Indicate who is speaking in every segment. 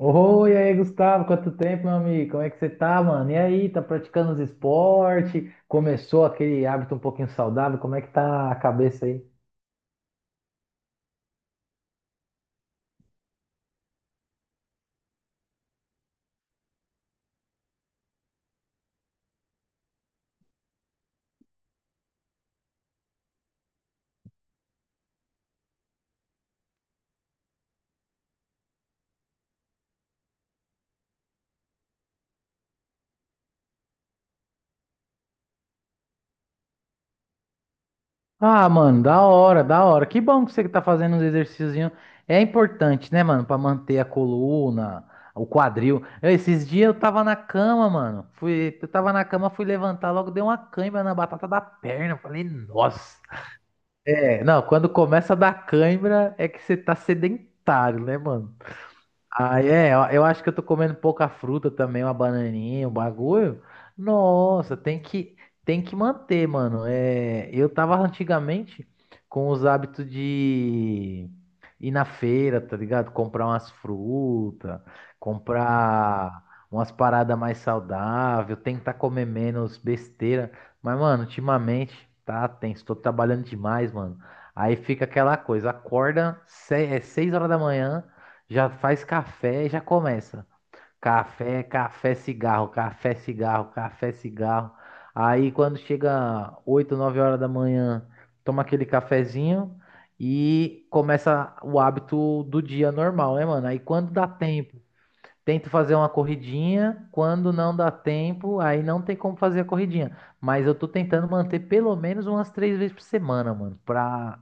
Speaker 1: Oi, e aí, Gustavo, quanto tempo, meu amigo? Como é que você tá, mano? E aí, tá praticando os esportes? Começou aquele hábito um pouquinho saudável? Como é que tá a cabeça aí? Ah, mano, da hora, da hora. Que bom que você que tá fazendo uns exercíciozinhos. É importante, né, mano, pra manter a coluna, o quadril. Esses dias eu tava na cama, mano. Fui, eu tava na cama, fui levantar, logo deu uma cãibra na batata da perna. Eu falei, nossa. É, não, quando começa a dar cãibra é que você tá sedentário, né, mano? Ah é, eu acho que eu tô comendo pouca fruta também, uma bananinha, um bagulho. Nossa, tem que manter, mano. É, eu tava antigamente com os hábitos de ir na feira, tá ligado? Comprar umas frutas, comprar umas paradas mais saudáveis, tentar comer menos besteira. Mas, mano, ultimamente tá tenso, tô trabalhando demais, mano. Aí fica aquela coisa, acorda é 6 horas da manhã. Já faz café e já começa. Café, café, cigarro, café, cigarro, café, cigarro. Aí quando chega 8 9 horas da manhã, toma aquele cafezinho e começa o hábito do dia normal, né, mano? Aí quando dá tempo, tento fazer uma corridinha, quando não dá tempo, aí não tem como fazer a corridinha. Mas eu tô tentando manter pelo menos umas três vezes por semana, mano. Pra...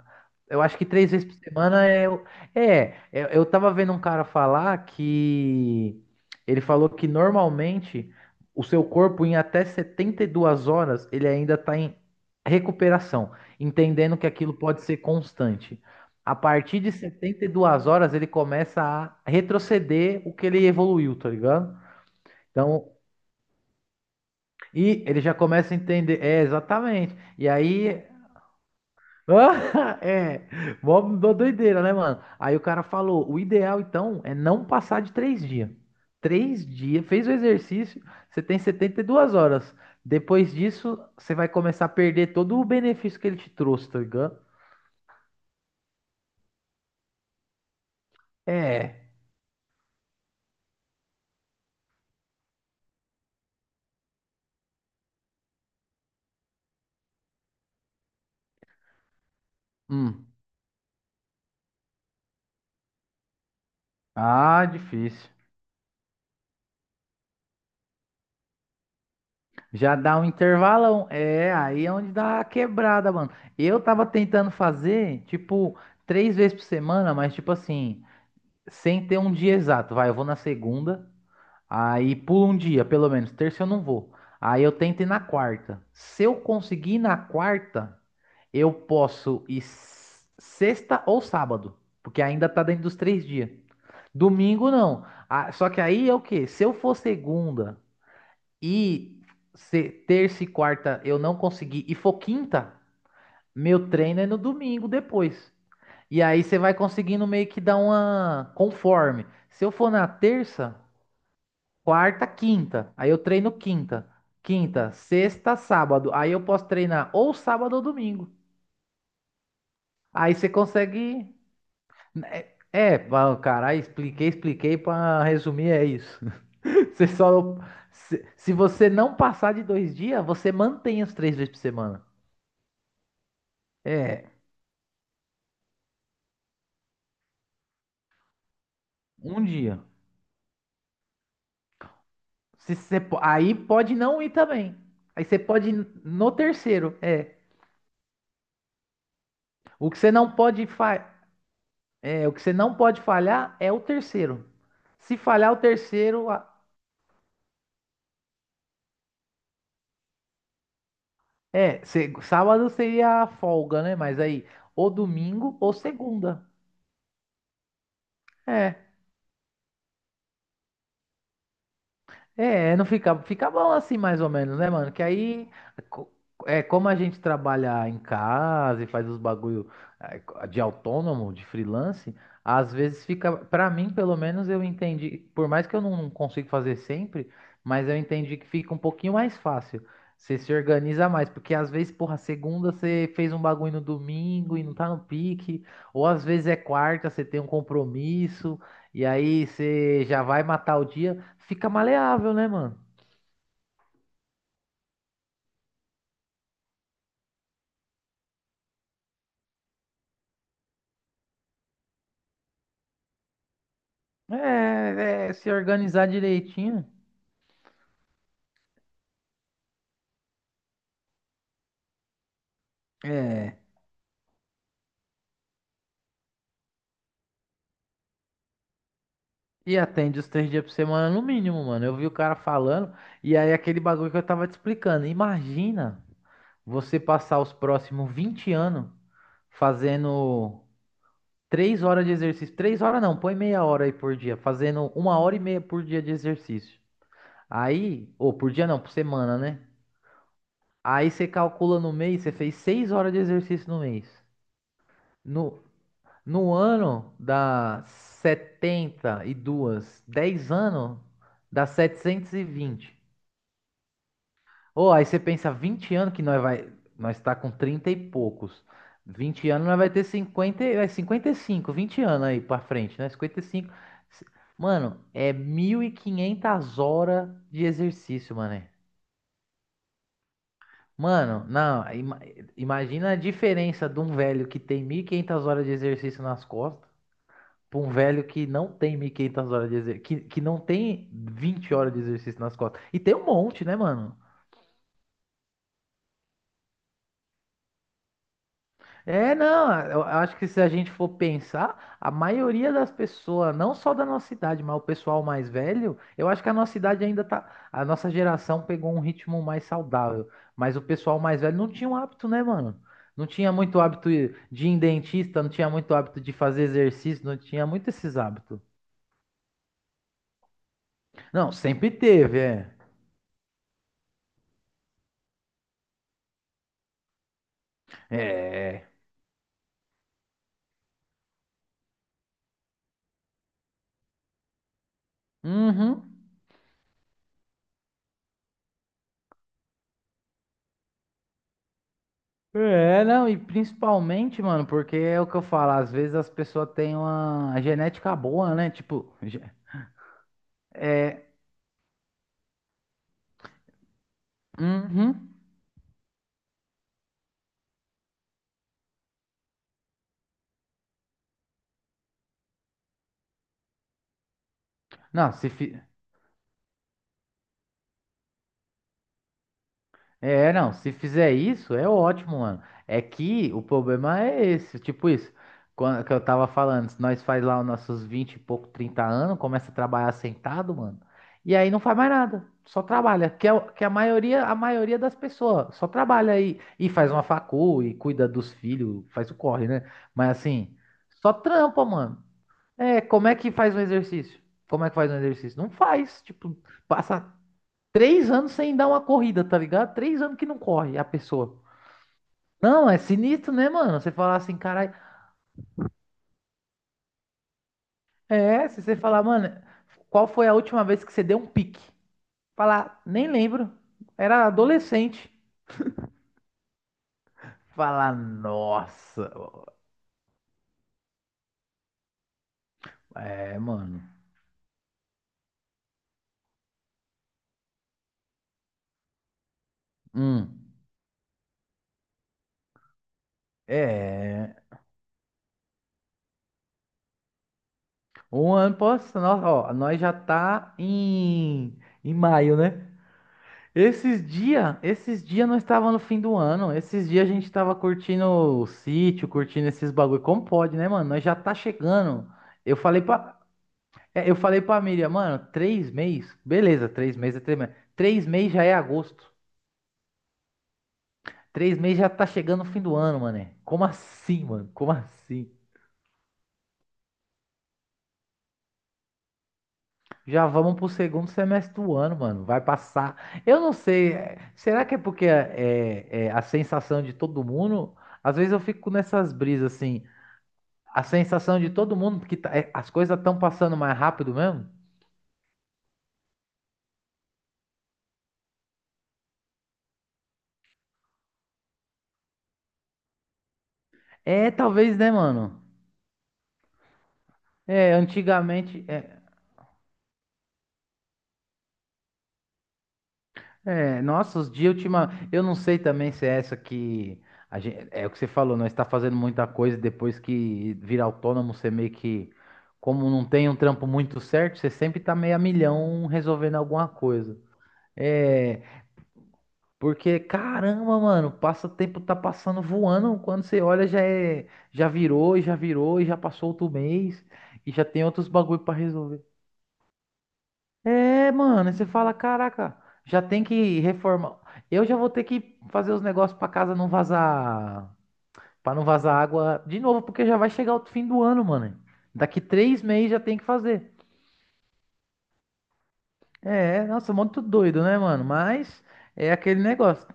Speaker 1: Eu acho que três vezes por semana é. É, eu tava vendo um cara falar que. Ele falou que normalmente o seu corpo, em até 72 horas, ele ainda tá em recuperação, entendendo que aquilo pode ser constante. A partir de 72 horas ele começa a retroceder o que ele evoluiu, tá ligado? Então, e ele já começa a entender. É, exatamente. E aí. É, mó mó doideira, né, mano? Aí o cara falou: o ideal então é não passar de três dias. Três dias, fez o exercício, você tem 72 horas. Depois disso, você vai começar a perder todo o benefício que ele te trouxe, tá ligado? É. Hum. Ah, difícil. Já dá um intervalão. É, aí é onde dá a quebrada, mano. Eu tava tentando fazer, tipo, três vezes por semana, mas, tipo assim, sem ter um dia exato. Vai, eu vou na segunda, aí pulo um dia, pelo menos. Terça eu não vou. Aí eu tento ir na quarta. Se eu conseguir ir na quarta, eu posso ir sexta ou sábado, porque ainda tá dentro dos três dias. Domingo não. Ah, só que aí é o quê? Se eu for segunda. E terça e quarta eu não consegui, e for quinta, meu treino é no domingo depois. E aí você vai conseguindo meio que dar uma conforme. Se eu for na terça, quarta, quinta, aí eu treino quinta, sexta, sábado, aí eu posso treinar ou sábado ou domingo. Aí você consegue. Né, é, bom, cara, aí expliquei para resumir, é isso. Você só. Se você não passar de dois dias, você mantém os três vezes por semana. É, um dia. Se você, aí pode não ir também. Aí você pode ir no terceiro. É. O que você não pode fa... o que você não pode falhar é o terceiro. Se falhar o terceiro, é, sábado seria a folga, né? Mas aí, ou domingo ou segunda. É. É, não fica, fica bom assim, mais ou menos, né, mano? Que aí, co- é como a gente trabalha em casa e faz os bagulho de autônomo, de freelance, às vezes fica, pra mim, pelo menos, eu entendi, por mais que eu não consiga fazer sempre, mas eu entendi que fica um pouquinho mais fácil. Você se organiza mais, porque às vezes, porra, segunda você fez um bagulho no domingo e não tá no pique, ou às vezes é quarta, você tem um compromisso. E aí você já vai matar o dia, fica maleável, né, mano? É, é, se organizar direitinho. É. E atende os três dias por semana no mínimo, mano. Eu vi o cara falando, e aí aquele bagulho que eu tava te explicando. Imagina você passar os próximos 20 anos fazendo 3 horas de exercício. Três horas não, põe meia hora aí por dia. Fazendo uma hora e meia por dia de exercício. Aí, ou por dia não, por semana, né? Aí você calcula no mês, você fez 6 horas de exercício no mês. No, no ano dá 72, 10 anos dá 720. Ou aí você pensa 20 anos que nós vai, nós tá com 30 e poucos. 20 anos nós vai ter 50 e- é 55, 20 anos aí para frente, né? Cinquenta e cinco. Mano, é 1.500 horas de exercício, mano. Mano, não, imagina a diferença de um velho que tem 1.500 horas de exercício nas costas para um velho que não tem 1.500 horas de exercício, que não tem 20 horas de exercício nas costas. E tem um monte, né, mano? É, não, eu acho que se a gente for pensar, a maioria das pessoas, não só da nossa idade, mas o pessoal mais velho, eu acho que a nossa idade ainda tá, a nossa geração pegou um ritmo mais saudável, mas o pessoal mais velho não tinha um hábito, né, mano? Não tinha muito hábito de ir em dentista, não tinha muito hábito de fazer exercício, não tinha muito esses hábitos. Não, sempre teve, é. É. Uhum. É, não, e principalmente, mano, porque é o que eu falo, às vezes as pessoas têm uma genética boa, né? Tipo, é. Uhum. Não, se, fi- é, não, se fizer isso, é ótimo, mano. É que o problema é esse, tipo isso. Que eu tava falando, se nós faz lá os nossos 20 e pouco, 30 anos, começa a trabalhar sentado, mano. E aí não faz mais nada, só trabalha, que é a maioria das pessoas só trabalha aí e faz uma facu e cuida dos filhos, faz o corre, né? Mas assim, só trampa, mano. É, como é que faz um exercício? Como é que faz um exercício? Não faz, tipo, passa três anos sem dar uma corrida, tá ligado? 3 anos que não corre a pessoa. Não, é sinistro, né, mano? Você falar assim, caralho. É, se você falar, mano, qual foi a última vez que você deu um pique? Falar, nem lembro. Era adolescente. Falar, nossa. É, mano. Hum. É. Um ano, posso. Nossa, ó, nós já tá em maio, né? Esses dias nós estava no fim do ano. Esses dias a gente tava curtindo o sítio, curtindo esses bagulho. Como pode, né, mano? Nós já tá chegando. Eu falei pra, eu falei pra Miriam, mano, 3 meses, beleza, 3 meses é 3 meses. 3 meses já é agosto. Três meses já tá chegando o fim do ano, mano. Como assim, mano? Como assim? Já vamos pro segundo semestre do ano, mano. Vai passar. Eu não sei. Será que é, porque é a sensação de todo mundo? Às vezes eu fico nessas brisas assim. A sensação de todo mundo, porque as coisas estão passando mais rápido mesmo? É, talvez, né, mano? É, antigamente. É, nossa, os dias ultima. Eu não sei também se é essa que. É o que você falou, nós está fazendo muita coisa e depois que vira autônomo, você meio que. Como não tem um trampo muito certo, você sempre tá meio a milhão resolvendo alguma coisa. É, porque, caramba, mano, passa o tempo tá passando voando. Quando você olha, já é, já virou, e já passou outro mês e já tem outros bagulho pra resolver. É, mano, aí você fala, caraca, já tem que reformar. Eu já vou ter que fazer os negócios pra casa não vazar, pra não vazar água de novo, porque já vai chegar o fim do ano, mano. Daqui 3 meses já tem que fazer. É, nossa, muito doido, né, mano? Mas é aquele negócio.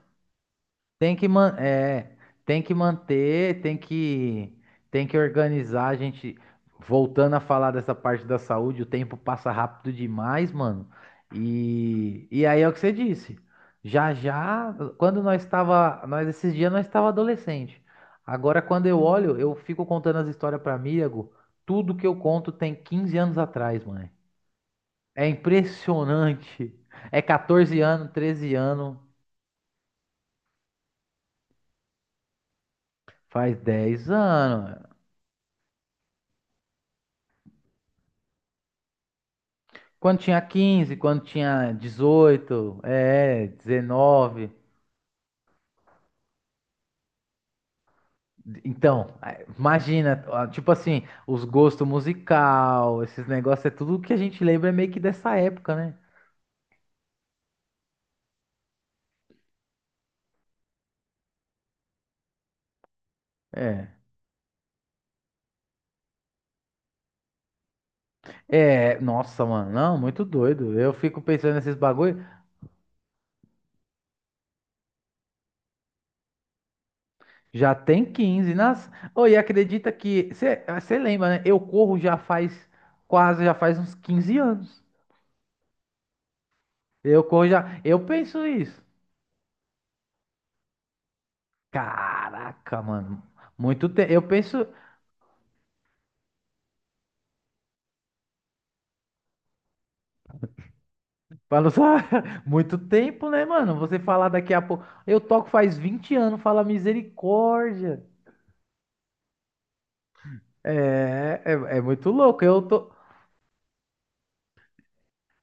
Speaker 1: Tem que man é, tem que manter, tem que organizar a gente voltando a falar dessa parte da saúde, o tempo passa rápido demais, mano. E aí é o que você disse. Já já, nós esses dias nós estava adolescente. Agora quando eu olho, eu fico contando as histórias para amigo, tudo que eu conto tem 15 anos atrás, mano. É impressionante. É 14 anos, 13 anos, faz 10 anos. Quando tinha 15, quando tinha 18, é, 19. Então, imagina, ah, tipo assim, os gostos musical, esses negócios, é tudo que a gente lembra meio que dessa época, né? É. É, nossa, mano, não, muito doido. Eu fico pensando nesses bagulho. Já tem 15, nas. Ô, e acredita que. Você lembra, né? Eu corro já faz uns 15 anos. Eu corro já. Eu penso isso. Caraca, mano. Muito tempo. Eu penso. Fala só, muito tempo, né, mano? Você falar daqui a pouco. Eu toco faz 20 anos, fala misericórdia. É, é, é muito louco. Eu tô.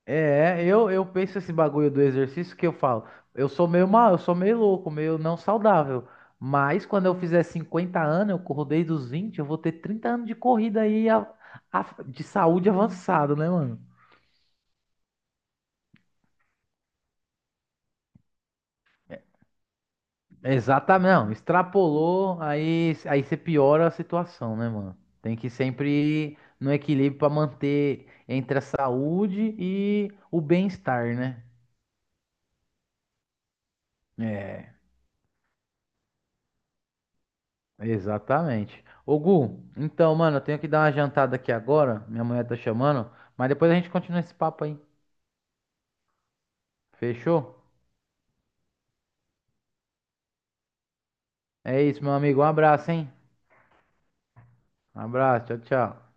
Speaker 1: É, eu penso esse bagulho do exercício que eu falo. Eu sou meio mal, eu sou meio louco, meio não saudável. Mas quando eu fizer 50 anos, eu corro desde os 20, eu vou ter 30 anos de corrida aí de saúde avançada, né, mano? Exatamente, não, extrapolou, aí você piora a situação, né, mano? Tem que sempre ir no equilíbrio pra manter entre a saúde e o bem-estar, né? É, exatamente. Ô, Gu, então, mano, eu tenho que dar uma jantada aqui agora, minha mulher tá chamando, mas depois a gente continua esse papo aí, fechou? É isso, meu amigo, um abraço, hein? Um abraço, tchau, tchau.